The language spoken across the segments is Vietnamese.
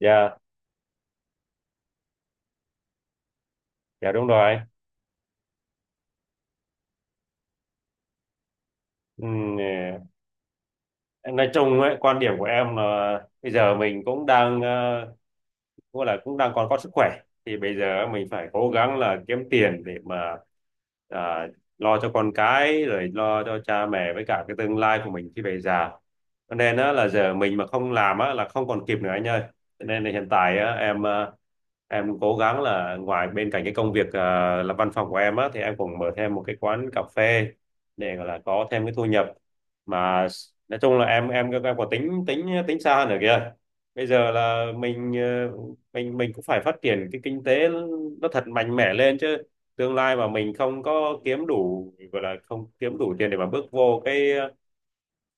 Dạ, dạ, đúng rồi. Ừm, ờ, nói chung ấy, quan điểm của em là bây giờ mình cũng đang cũng đang còn có sức khỏe, thì bây giờ mình phải cố gắng là kiếm tiền để mà à, lo cho con cái, rồi lo cho cha mẹ với cả cái tương lai của mình khi về già. Cho nên á, là giờ mình mà không làm á, là không còn kịp nữa anh ơi. Cho nên là hiện tại á, em cố gắng là ngoài bên cạnh cái công việc là văn phòng của em á, thì em cũng mở thêm một cái quán cà phê để gọi là có thêm cái thu nhập mà. Nói chung là em có tính tính tính xa nữa kìa. Bây giờ là mình ờ, mình cũng phải phát triển cái kinh tế nó thật mạnh mẽ lên chứ. Tương lai mà mình không có kiếm đủ, gọi là không kiếm đủ tiền để mà bước vô cái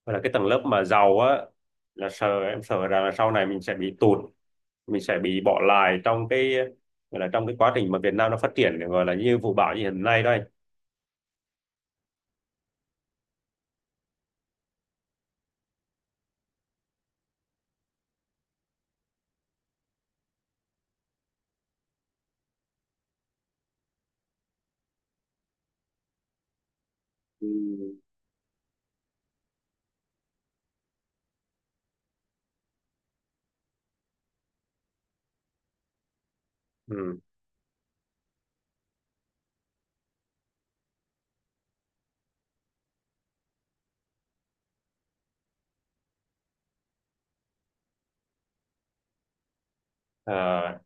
gọi là cái tầng lớp mà giàu á, là sợ em sợ rằng là sau này mình sẽ bị tụt, mình sẽ bị bỏ lại trong cái gọi là trong cái quá trình mà Việt Nam nó phát triển, gọi là như vụ bão như hiện nay đó anh. Ừ. Ừ. Ờ,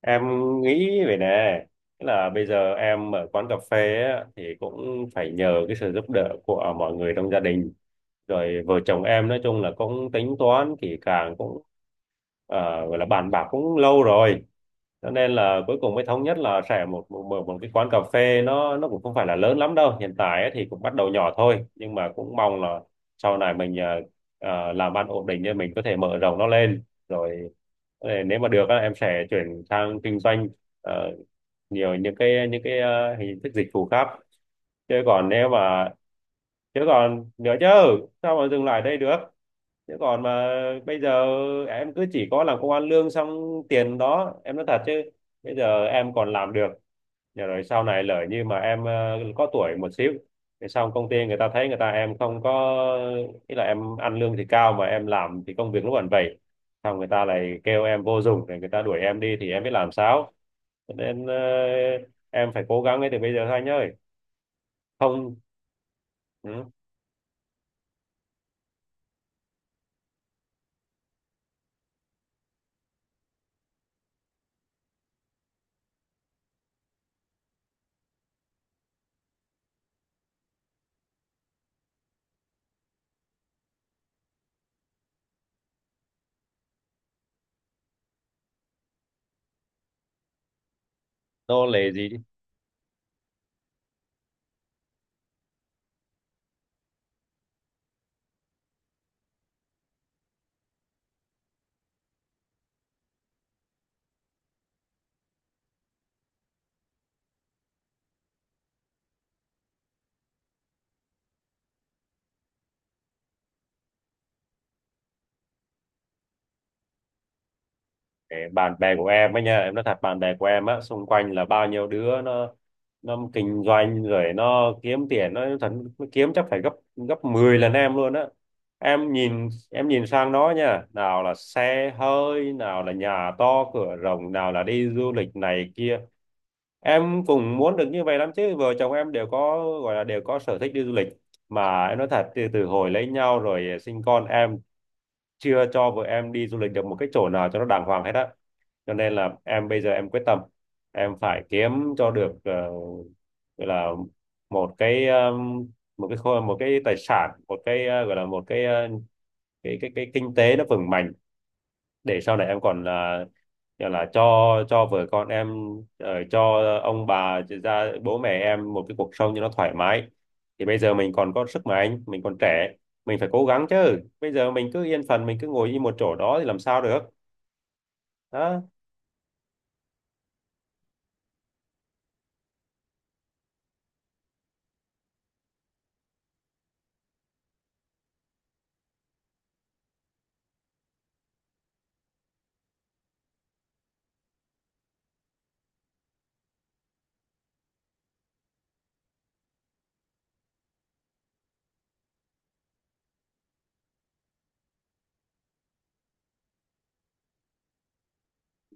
em nghĩ về nè. Tức là bây giờ em ở quán cà phê á, thì cũng phải nhờ cái sự giúp đỡ của mọi người trong gia đình. Rồi vợ chồng em nói chung là cũng tính toán kỹ càng, cũng à, gọi là bàn bạc cũng lâu rồi, cho nên là cuối cùng mới thống nhất là sẽ một một, một một cái quán cà phê. Nó cũng không phải là lớn lắm đâu, hiện tại ấy thì cũng bắt đầu nhỏ thôi, nhưng mà cũng mong là sau này mình làm ăn ổn định nên mình có thể mở rộng nó lên. Rồi nếu mà được á, em sẽ chuyển sang kinh doanh ờ, nhiều những cái hình thức dịch vụ khác. chứ còn nếu mà Chứ còn nữa chứ, sao mà dừng lại đây được. Chứ còn mà Bây giờ em cứ chỉ có làm công ăn lương, xong tiền đó em nói thật chứ, bây giờ em còn làm được. Nhờ rồi sau này lỡ như mà em có tuổi một xíu thì xong công ty người ta thấy người ta em không có, ý là em ăn lương thì cao mà em làm thì công việc lúc còn vậy, xong người ta lại kêu em vô dụng rồi người ta đuổi em đi thì em biết làm sao. Cho nên em phải cố gắng ngay từ bây giờ thôi anh ơi. Không, ừ, nô lệ gì. Để bạn bè của em ấy nha, em nói thật, bạn bè của em á, xung quanh là bao nhiêu đứa nó kinh doanh rồi nó kiếm tiền nó thật, nó kiếm chắc phải gấp gấp 10 lần em luôn á. Em nhìn sang nó nha, nào là xe hơi, nào là nhà to cửa rộng, nào là đi du lịch này kia. Em cũng muốn được như vậy lắm chứ, vợ chồng em đều có, gọi là đều có sở thích đi du lịch, mà em nói thật, từ từ hồi lấy nhau rồi sinh con, em chưa cho vợ em đi du lịch được một cái chỗ nào cho nó đàng hoàng hết á. Cho nên là em bây giờ em quyết tâm em phải kiếm cho được gọi là một cái, một cái một cái tài sản, một cái gọi là một cái cái kinh tế nó vững mạnh để sau này em còn là gọi là cho vợ con em, cho ông bà, cho ra bố mẹ em một cái cuộc sống cho nó thoải mái. Thì bây giờ mình còn có sức mạnh, mình còn trẻ, mình phải cố gắng chứ. Bây giờ mình cứ yên phận, mình cứ ngồi yên một chỗ đó thì làm sao được. Đó.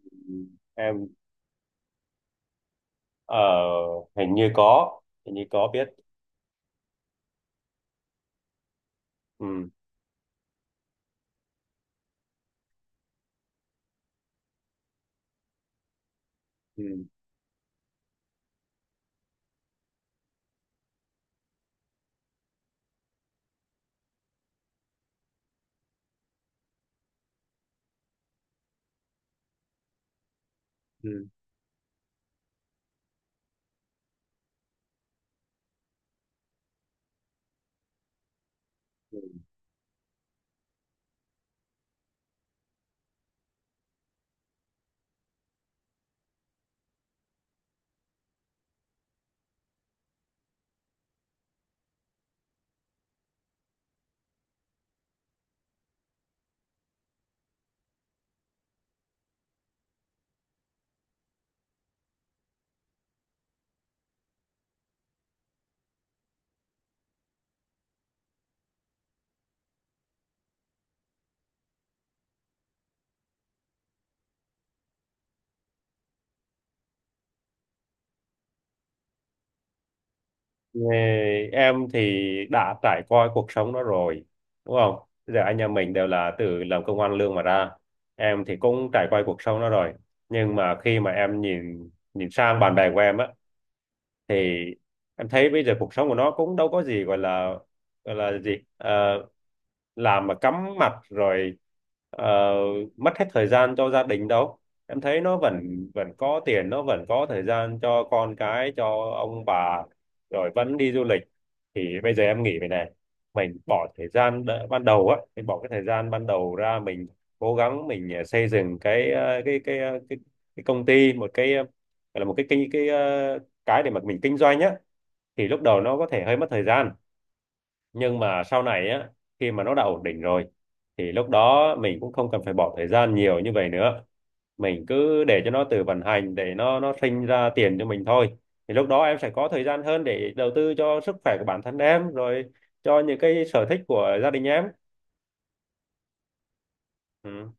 Ừ. Em ờ, hình như có hình như có biết. Ừ. Ừ. Ừ. Ừ. Ờ, em thì đã trải qua cuộc sống đó rồi, đúng không. Bây giờ anh em mình đều là từ làm công ăn lương mà ra, em thì cũng trải qua cuộc sống đó rồi, nhưng mà khi mà em nhìn nhìn sang bạn bè của em á, thì em thấy bây giờ cuộc sống của nó cũng đâu có gì gọi là, gọi là gì. Ờ, làm mà cắm mặt rồi ờ, mất hết thời gian cho gia đình đâu. Em thấy nó vẫn vẫn có tiền, nó vẫn có thời gian cho con cái, cho ông bà, rồi vẫn đi du lịch. Thì bây giờ em nghĩ vậy này, mình bỏ thời gian ban đầu á, mình bỏ cái thời gian ban đầu ra, mình cố gắng mình xây dựng cái công ty, một cái gọi là một cái để mà mình kinh doanh á, thì lúc đầu nó có thể hơi mất thời gian, nhưng mà sau này á, khi mà nó đã ổn định rồi thì lúc đó mình cũng không cần phải bỏ thời gian nhiều như vậy nữa, mình cứ để cho nó tự vận hành để nó sinh ra tiền cho mình thôi. Thì lúc đó em sẽ có thời gian hơn để đầu tư cho sức khỏe của bản thân em rồi, cho những cái sở thích của gia đình em. Ừ.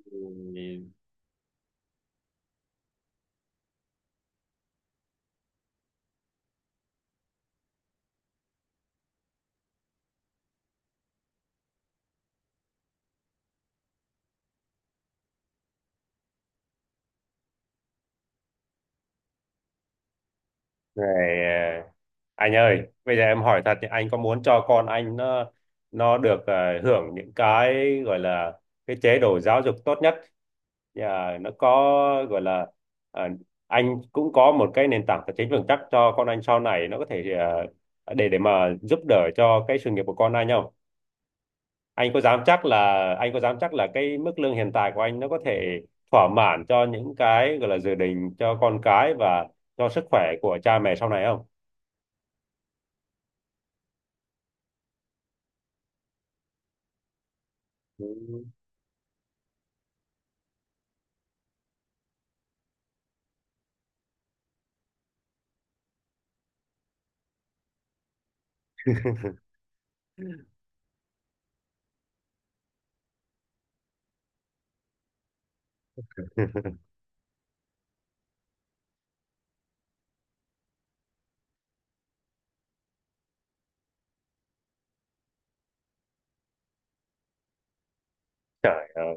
Ừ. Rồi, anh ơi, bây giờ em hỏi thật thì anh có muốn cho con anh nó được hưởng những cái gọi là cái chế độ giáo dục tốt nhất. Nhà nó có, gọi là ờ, anh cũng có một cái nền tảng tài chính vững chắc cho con anh sau này, nó có thể để mà giúp đỡ cho cái sự nghiệp của con anh không? Anh có dám chắc là, anh có dám chắc là cái mức lương hiện tại của anh nó có thể thỏa mãn cho những cái gọi là dự định cho con cái và cho sức khỏe của cha mẹ sau này không? Ừ. Trời ơi,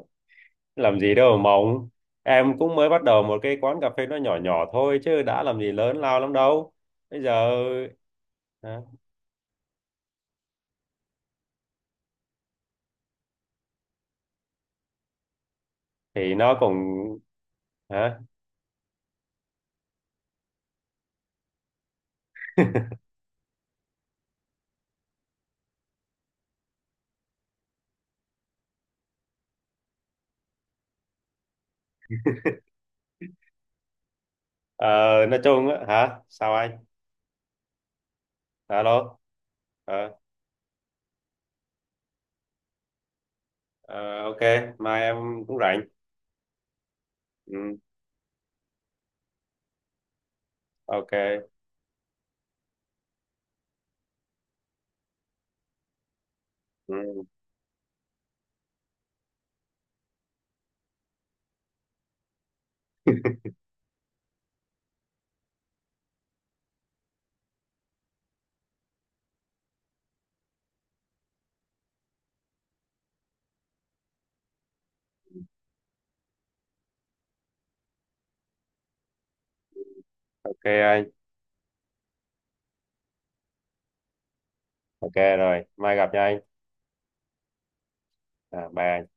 làm gì đâu mà mộng. Em cũng mới bắt đầu một cái quán cà phê nó nhỏ nhỏ thôi chứ đã làm gì lớn lao lắm đâu. Bây giờ hả? Thì nó cũng, hả? Ờ, nói chung á, hả? Sao anh? Alo. Ờ, ờ, ok, mai em cũng rảnh. Ừ, ok. Ừ, ok anh. Ok rồi, mai gặp nha anh. À, bye anh.